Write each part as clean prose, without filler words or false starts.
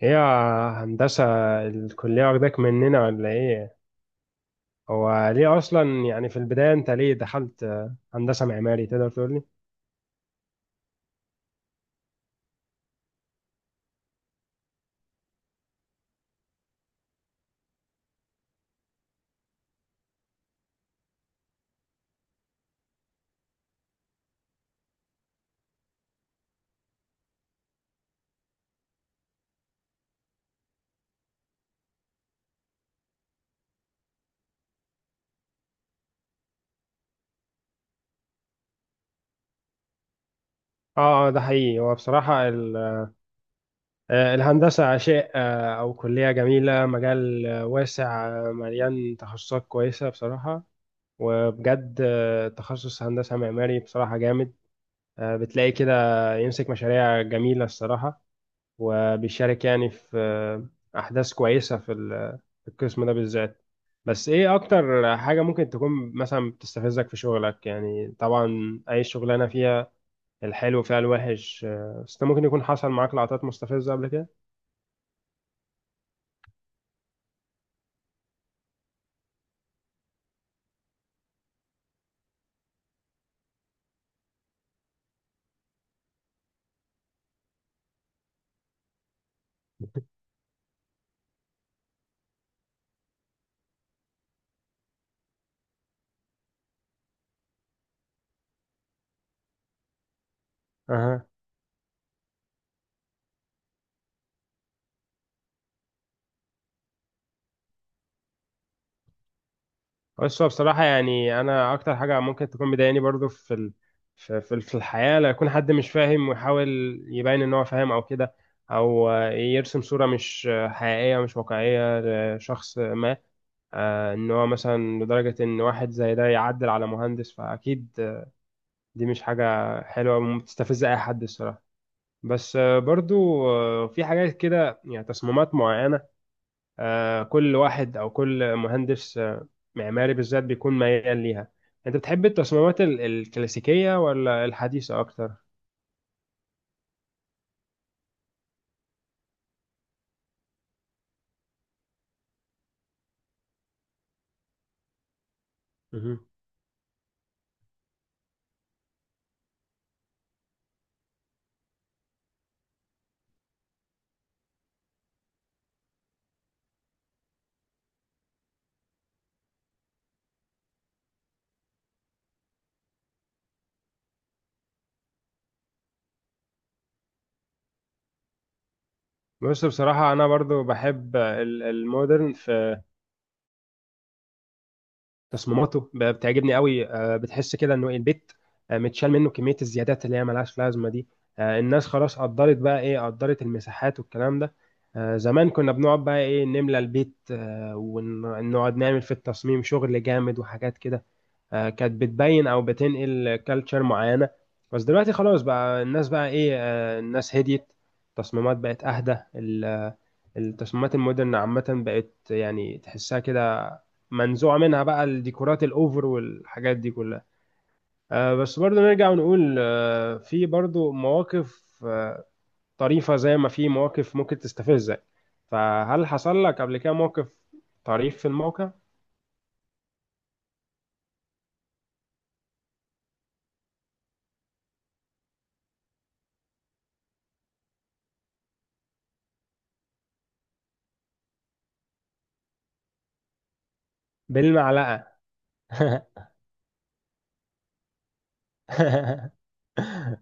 هي هندسة الكلية واخداك مننا ولا ايه؟ هو ليه اصلا يعني في البداية انت ليه دخلت هندسة معماري تقدر تقول لي؟ اه، ده حقيقي. هو بصراحة الهندسة شيء، او كلية جميلة، مجال واسع، مليان تخصصات كويسة بصراحة. وبجد تخصص هندسة معماري بصراحة جامد. بتلاقي كده يمسك مشاريع جميلة الصراحة، وبيشارك يعني في أحداث كويسة في القسم ده بالذات. بس إيه أكتر حاجة ممكن تكون مثلا بتستفزك في شغلك؟ يعني طبعا أي شغلانة فيها الحلو فيها الوحش، بس أنت ممكن يكون حصل معاك لقطات مستفزة قبل كده. أها. بس هو بصراحة يعني أنا أكتر حاجة ممكن تكون مضايقاني برضو في في الحياة لو يكون حد مش فاهم ويحاول يبين إن هو فاهم أو كده، أو يرسم صورة مش حقيقية، مش واقعية لشخص ما. ان هو مثلا لدرجة ان واحد زي ده يعدل على مهندس، فاكيد دي مش حاجة حلوة، ومستفزة اي حد الصراحة. بس برضو في حاجات كده، يعني تصميمات معينة كل واحد او كل مهندس معماري بالذات بيكون ميال ليها. انت بتحب التصميمات الكلاسيكية ولا الحديثة اكتر؟ مهم. بص بصراحة أنا برضو بحب المودرن في تصميماته، بتعجبني قوي. بتحس كده انه إيه، البيت متشال منه كميه الزيادات اللي هي ملهاش لازمه دي. الناس خلاص قدرت بقى ايه، قدرت المساحات والكلام ده. زمان كنا بنقعد بقى ايه نملى البيت، ونقعد نعمل في التصميم شغل جامد وحاجات كده. كانت بتبين او بتنقل كالتشر معينه. بس دلوقتي خلاص بقى الناس بقى ايه، الناس هديت، التصميمات بقت اهدى. التصميمات المودرن عامة بقت يعني تحسها كده منزوعة منها بقى الديكورات الأوفر والحاجات دي كلها. بس برضو نرجع ونقول في برضو مواقف طريفة زي ما في مواقف ممكن تستفزك. فهل حصل لك قبل كده موقف طريف في الموقع؟ بالمعلقة؟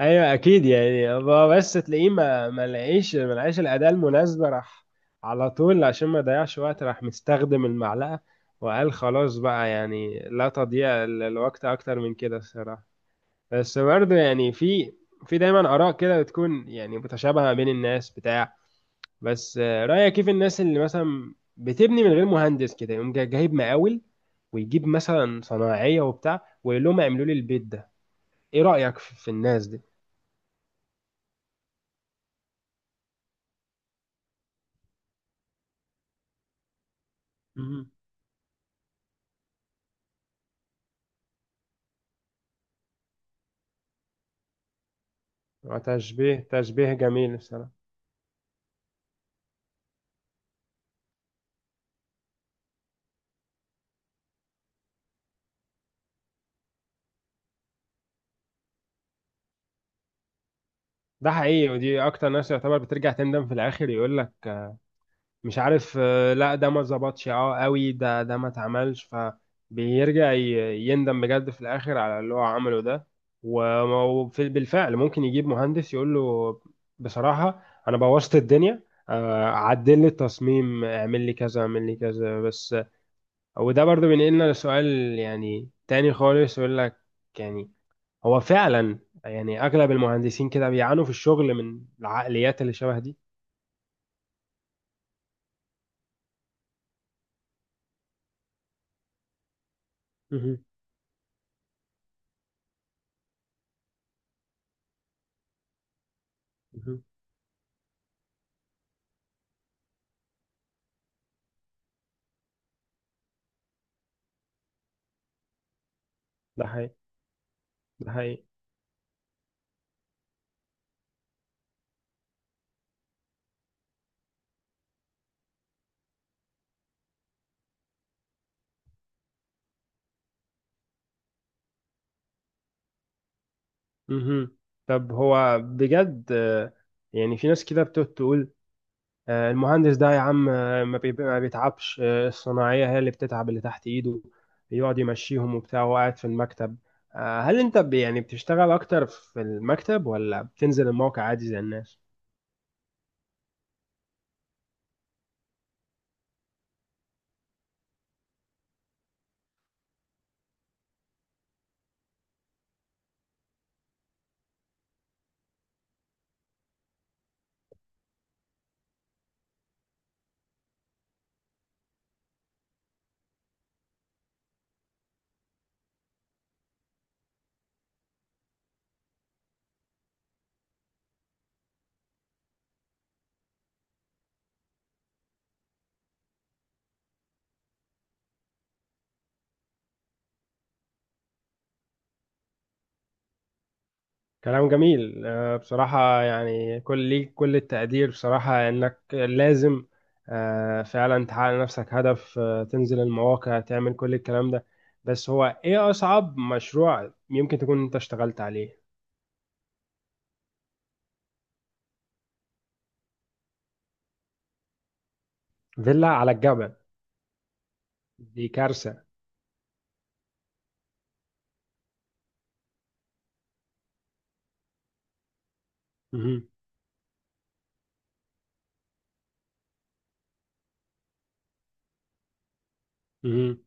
ايوه اكيد. يعني هو بس تلاقيه ما لقاش الاداه المناسبه، راح على طول عشان ما يضيعش وقت، راح مستخدم المعلقه وقال خلاص بقى، يعني لا تضيع الوقت اكتر من كده الصراحه. بس برضه يعني في دايما اراء كده بتكون يعني متشابهه ما بين الناس بتاع. بس رايك كيف الناس اللي مثلا بتبني من غير مهندس، كده يقوم جايب مقاول ويجيب مثلا صناعيه وبتاع ويقول لهم اعملوا لي البيت ده؟ ايه رايك في الناس دي؟ تشبيه تشبيه جميل بصراحة. ده حقيقي، ودي اكتر ناس يعتبر بترجع تندم في الاخر، يقول لك مش عارف لا ده ما ظبطش، اه قوي ده ما اتعملش، فبيرجع يندم بجد في الاخر على اللي هو عمله ده. و، بالفعل ممكن يجيب مهندس يقول له بصراحة انا بوظت الدنيا، عدل لي التصميم، اعمل لي كذا اعمل لي كذا بس. وده برضو بينقلنا لسؤال يعني تاني خالص، يقول لك يعني هو فعلا يعني اغلب المهندسين كده بيعانوا في الشغل من العقليات اللي شبه دي؟ مهم. مهم. ده حقيقي، ده حقيقي. مهم. طب هو بجد يعني في ناس كده بتقعد تقول المهندس ده يا عم ما بيتعبش، الصناعية هي اللي بتتعب، اللي تحت ايده يقعد يمشيهم وبتاع وهو قاعد في المكتب. هل انت يعني بتشتغل اكتر في المكتب ولا بتنزل الموقع عادي زي الناس؟ كلام جميل بصراحة. يعني كل ليك كل التقدير بصراحة، إنك لازم فعلا تحقق لنفسك هدف، تنزل المواقع تعمل كل الكلام ده. بس هو إيه أصعب مشروع يمكن تكون أنت اشتغلت عليه؟ فيلا على الجبل؟ دي كارثة. مهم. مهم.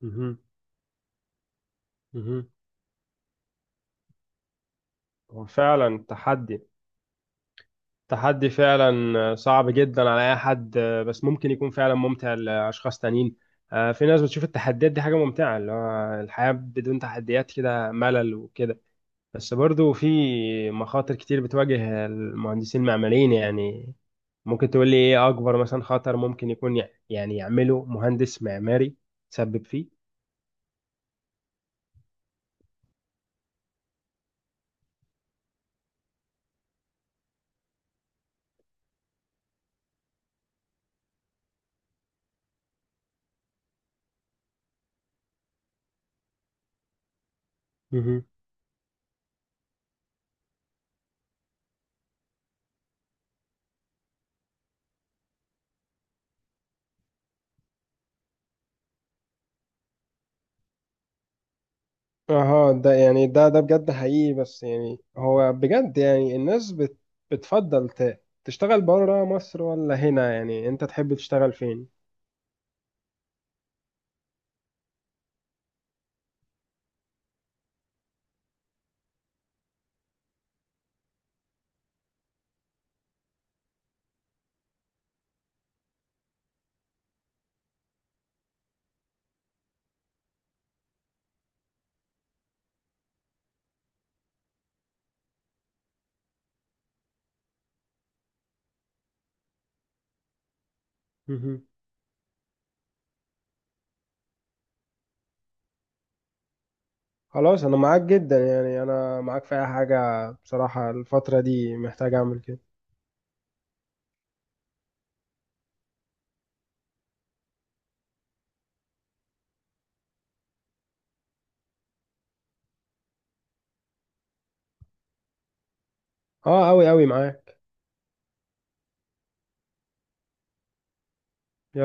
مهم. مهم. هو فعلا تحدي، تحدي فعلا صعب جدا على اي حد، بس ممكن يكون فعلا ممتع لاشخاص تانيين. في ناس بتشوف التحديات دي حاجه ممتعه، اللي هو الحياه بدون تحديات كده ملل وكده. بس برضو في مخاطر كتير بتواجه المهندسين المعماريين. يعني ممكن تقول لي ايه اكبر مثلا خطر ممكن يكون يعني يعمله مهندس معماري تسبب فيه؟ اه ده يعني ده بجد حقيقي. بس يعني هو بجد يعني الناس بت، بتفضل تشتغل بره مصر ولا هنا؟ يعني انت تحب تشتغل فين؟ مهم. خلاص انا معاك جدا، يعني انا معاك في اي حاجة بصراحة، الفترة دي محتاج اعمل كده. اه اوي اوي معاك. يلا.